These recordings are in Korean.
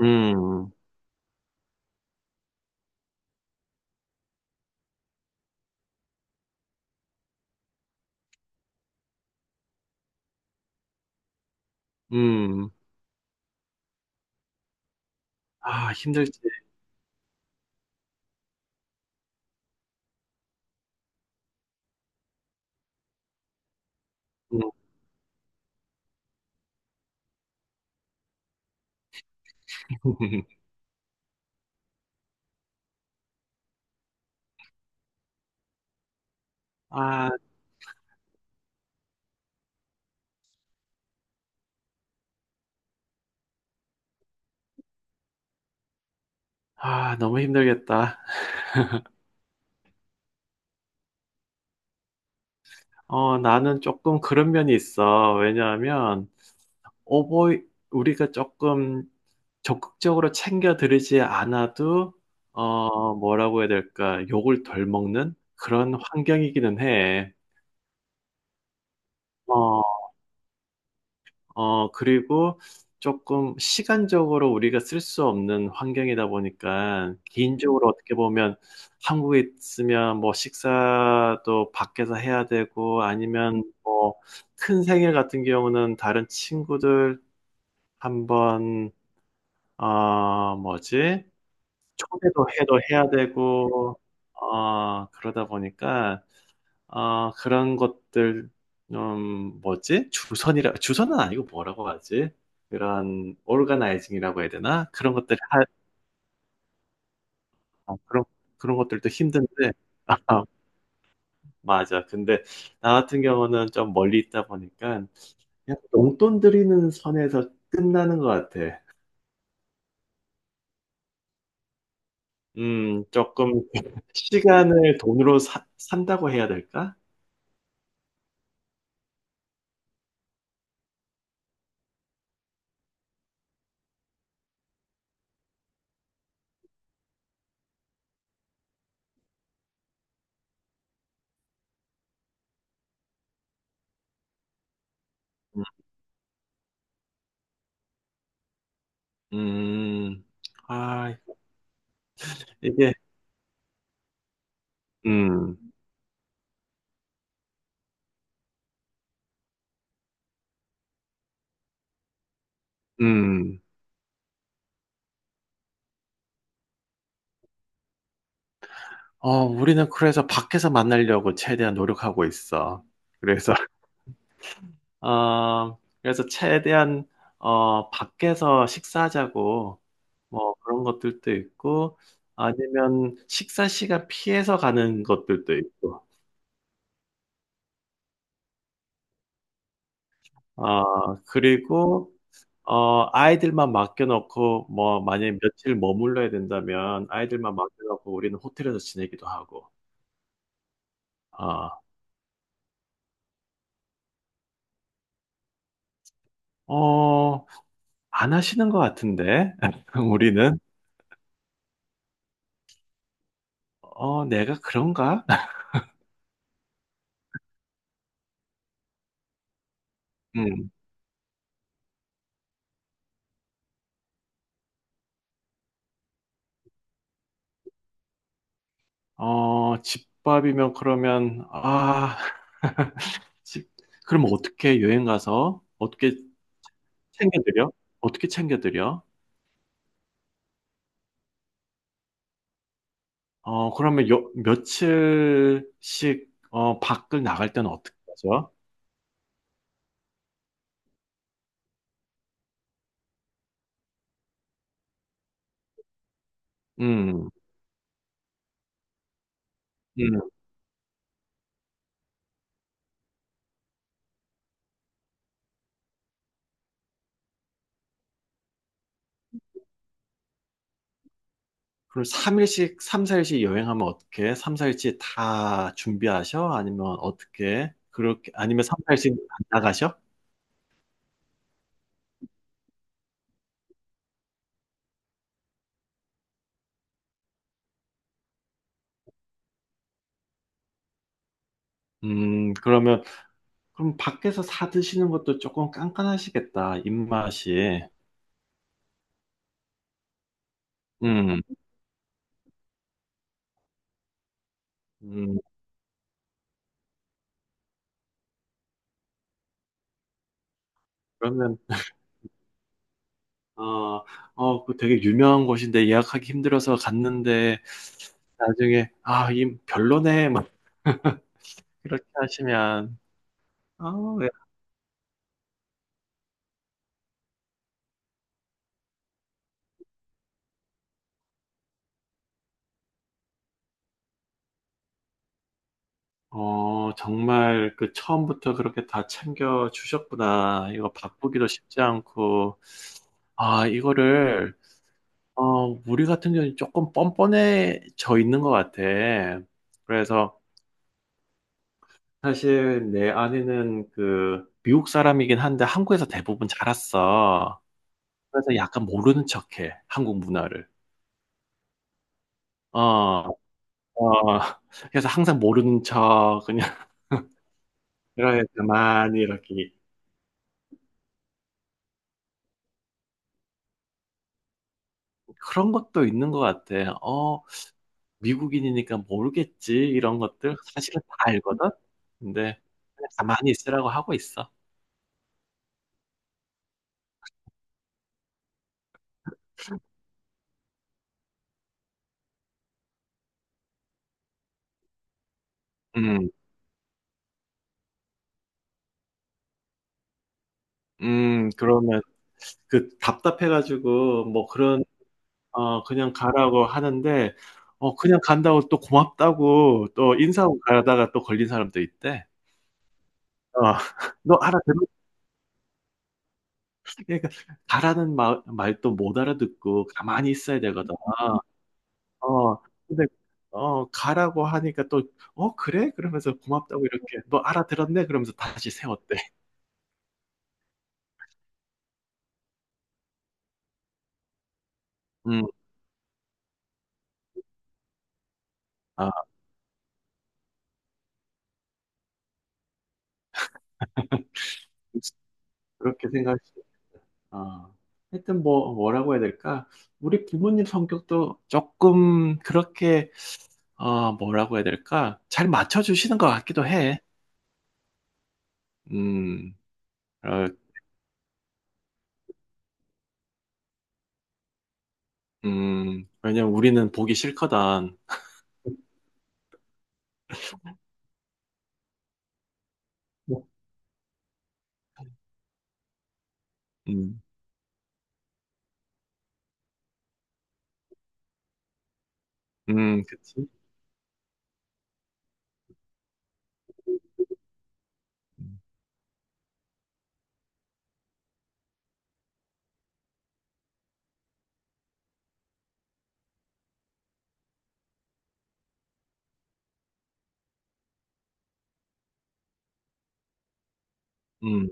음. 음. 아, 힘들지. 음. 아, 아, 너무 힘들겠다. 나는 조금 그런 면이 있어. 왜냐하면 오버이, 우리가 조금 적극적으로 챙겨드리지 않아도, 뭐라고 해야 될까, 욕을 덜 먹는 그런 환경이기는 해. 어, 그리고 조금 시간적으로 우리가 쓸 수 없는 환경이다 보니까, 개인적으로 어떻게 보면 한국에 있으면 뭐 식사도 밖에서 해야 되고, 아니면 뭐 큰 생일 같은 경우는 다른 친구들 한번 뭐지? 초대도 해도 해야 되고, 그러다 보니까, 아, 그런 것들, 뭐지? 주선은 아니고 뭐라고 하지? 그런, 오르가나이징이라고 해야 되나? 그런 것들, 할, 아, 그런, 그런 것들도 힘든데, 아, 맞아. 근데 나 같은 경우는 좀 멀리 있다 보니까, 그냥 용돈 드리는 선에서 끝나는 것 같아. 조금, 시간을 돈으로 산다고 해야 될까? 음, 음. 아, 이게, 음, 음. 우리는 그래서 밖에서 만나려고 최대한 노력하고 있어. 그래서, 그래서 최대한, 밖에서 식사하자고, 뭐 그런 것들도 있고, 아니면 식사 시간 피해서 가는 것들도 있고, 어, 그리고, 아이들만 맡겨놓고, 뭐, 만약에 며칠 머물러야 된다면, 아이들만 맡겨놓고 우리는 호텔에서 지내기도 하고, 어, 어, 안 하시는 것 같은데, 우리는. 어, 내가 그런가? 음. 집밥이면 그러면, 집, 그럼 어떻게 여행 가서 어떻게 챙겨드려? 어떻게 챙겨드려? 그러면 요, 며칠씩, 밖을 나갈 때는 어떻게 하죠? 음, 음. 그럼 3일씩, 3, 4일씩 여행하면 어떻게? 3, 4일씩 다 준비하셔? 아니면 어떻게? 그렇게, 아니면 3, 4일씩 안 나가셔? 그러면 그럼 밖에서 사 드시는 것도 조금 깐깐하시겠다, 입맛이. 음, 음, 그러면, 어, 그 되게 유명한 곳인데 예약하기 힘들어서 갔는데 나중에, 아, 이 별로네, 막 이렇게 하시면, 아, 왜- 어, 정말 그 처음부터 그렇게 다 챙겨 주셨구나. 이거 바쁘기도 쉽지 않고, 아, 이거를, 어, 우리 같은 경우는 조금 뻔뻔해져 있는 것 같아. 그래서, 사실 내 아내는 그 미국 사람이긴 한데 한국에서 대부분 자랐어. 그래서 약간 모르는 척해 한국 문화를. 어, 어. 그래서 항상 모르는 척 그냥, 이렇게 가만히 이렇게, 그런 것도 있는 것 같아. 어, 미국인이니까 모르겠지, 이런 것들 사실은 다 알거든. 근데 그냥 가만히 있으라고 하고 있어. 음, 그러면 그 답답해가지고 뭐 그런, 어 그냥 가라고 하는데 어 그냥 간다고 또 고맙다고 또 인사하고 가다가 또 걸린 사람도 있대. 어. 너 알아들어? 그러니까 가라는 말 말도 못 알아듣고 가만히 있어야 되거든. 어. 근데 어 가라고 하니까 또 "어 그래?" 그러면서 고맙다고 이렇게 "너 알아들었네?" 그러면서 다시 세웠대. 음. 아 그래서 그렇게 생각할 수, 아. 하여튼 뭐 뭐라고 해야 될까? 우리 부모님 성격도 쪼끔 그렇게, 뭐라고 해야 될까? 잘 맞춰주시는 것 같기도 해. 음, 어, 왜냐면 우리는 보기 싫거든. 음, 그치? 음,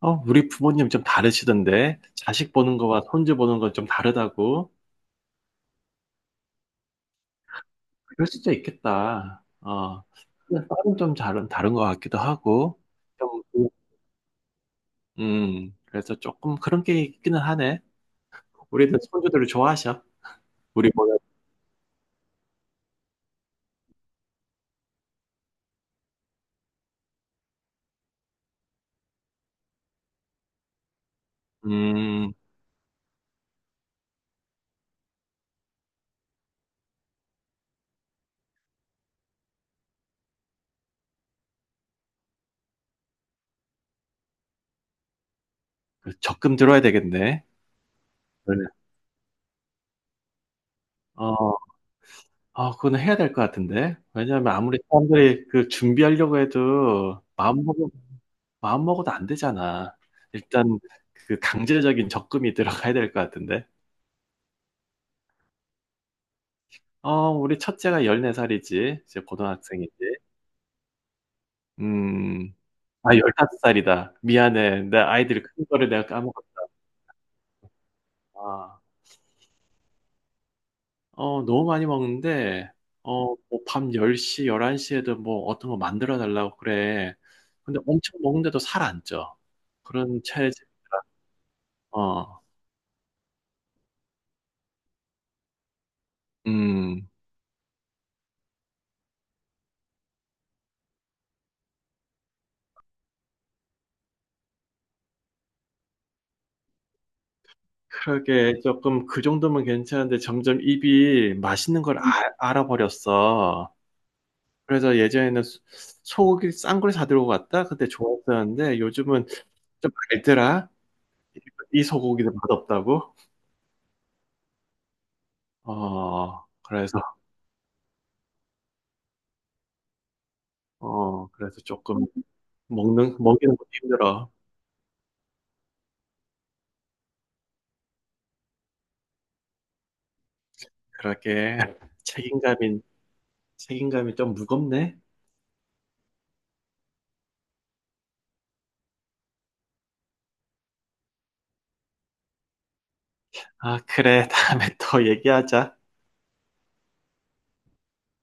어, 우리 부모님 좀 다르시던데? 자식 보는 거와 손주 보는 건 좀 다르다고? 그럴 수도 있겠다. 어, 딸은 좀 다른 것 같기도 하고. 좀, 그래서 조금 그런 게 있기는 하네. 우리도 손주들을 좋아하셔. 우리보다, 음, 그 적금 들어야 되겠네. 어. 아 그거는 해야 될 것 같은데. 왜냐하면 아무리 사람들이 그 준비하려고 해도 마음먹어도 안 되잖아. 일단 그 강제적인 적금이 들어가야 될 것 같은데. 어 우리 첫째가 14살 살이지. 이제 고등학생이지. 음. 아 15살 살이다. 미안해. 내 아이들이 큰 거를 내가 까먹었다. 아. 어 너무 많이 먹는데, 어 뭐 밤 1 0 열한 1 1에도 뭐 어떤 거 만들어 달라고 그래. 근데 엄청 먹는데도 살 안 쪄. 그런 체질. 어, 음, 그러게, 조금 그 정도면 괜찮은데 점점 입이 맛있는 걸, 음, 알아버렸어. 그래서 예전에는 소고기 싼 걸 사들고 갔다? 그때 좋았었는데 요즘은 좀 알더라. 이 소고기도 맛없다고? 어, 그래서, 어, 그래서 조금 먹이는 것도 힘들어. 그러게. 책임감이, 책임감이 좀 무겁네. 아, 그래. 다음에 또 얘기하자.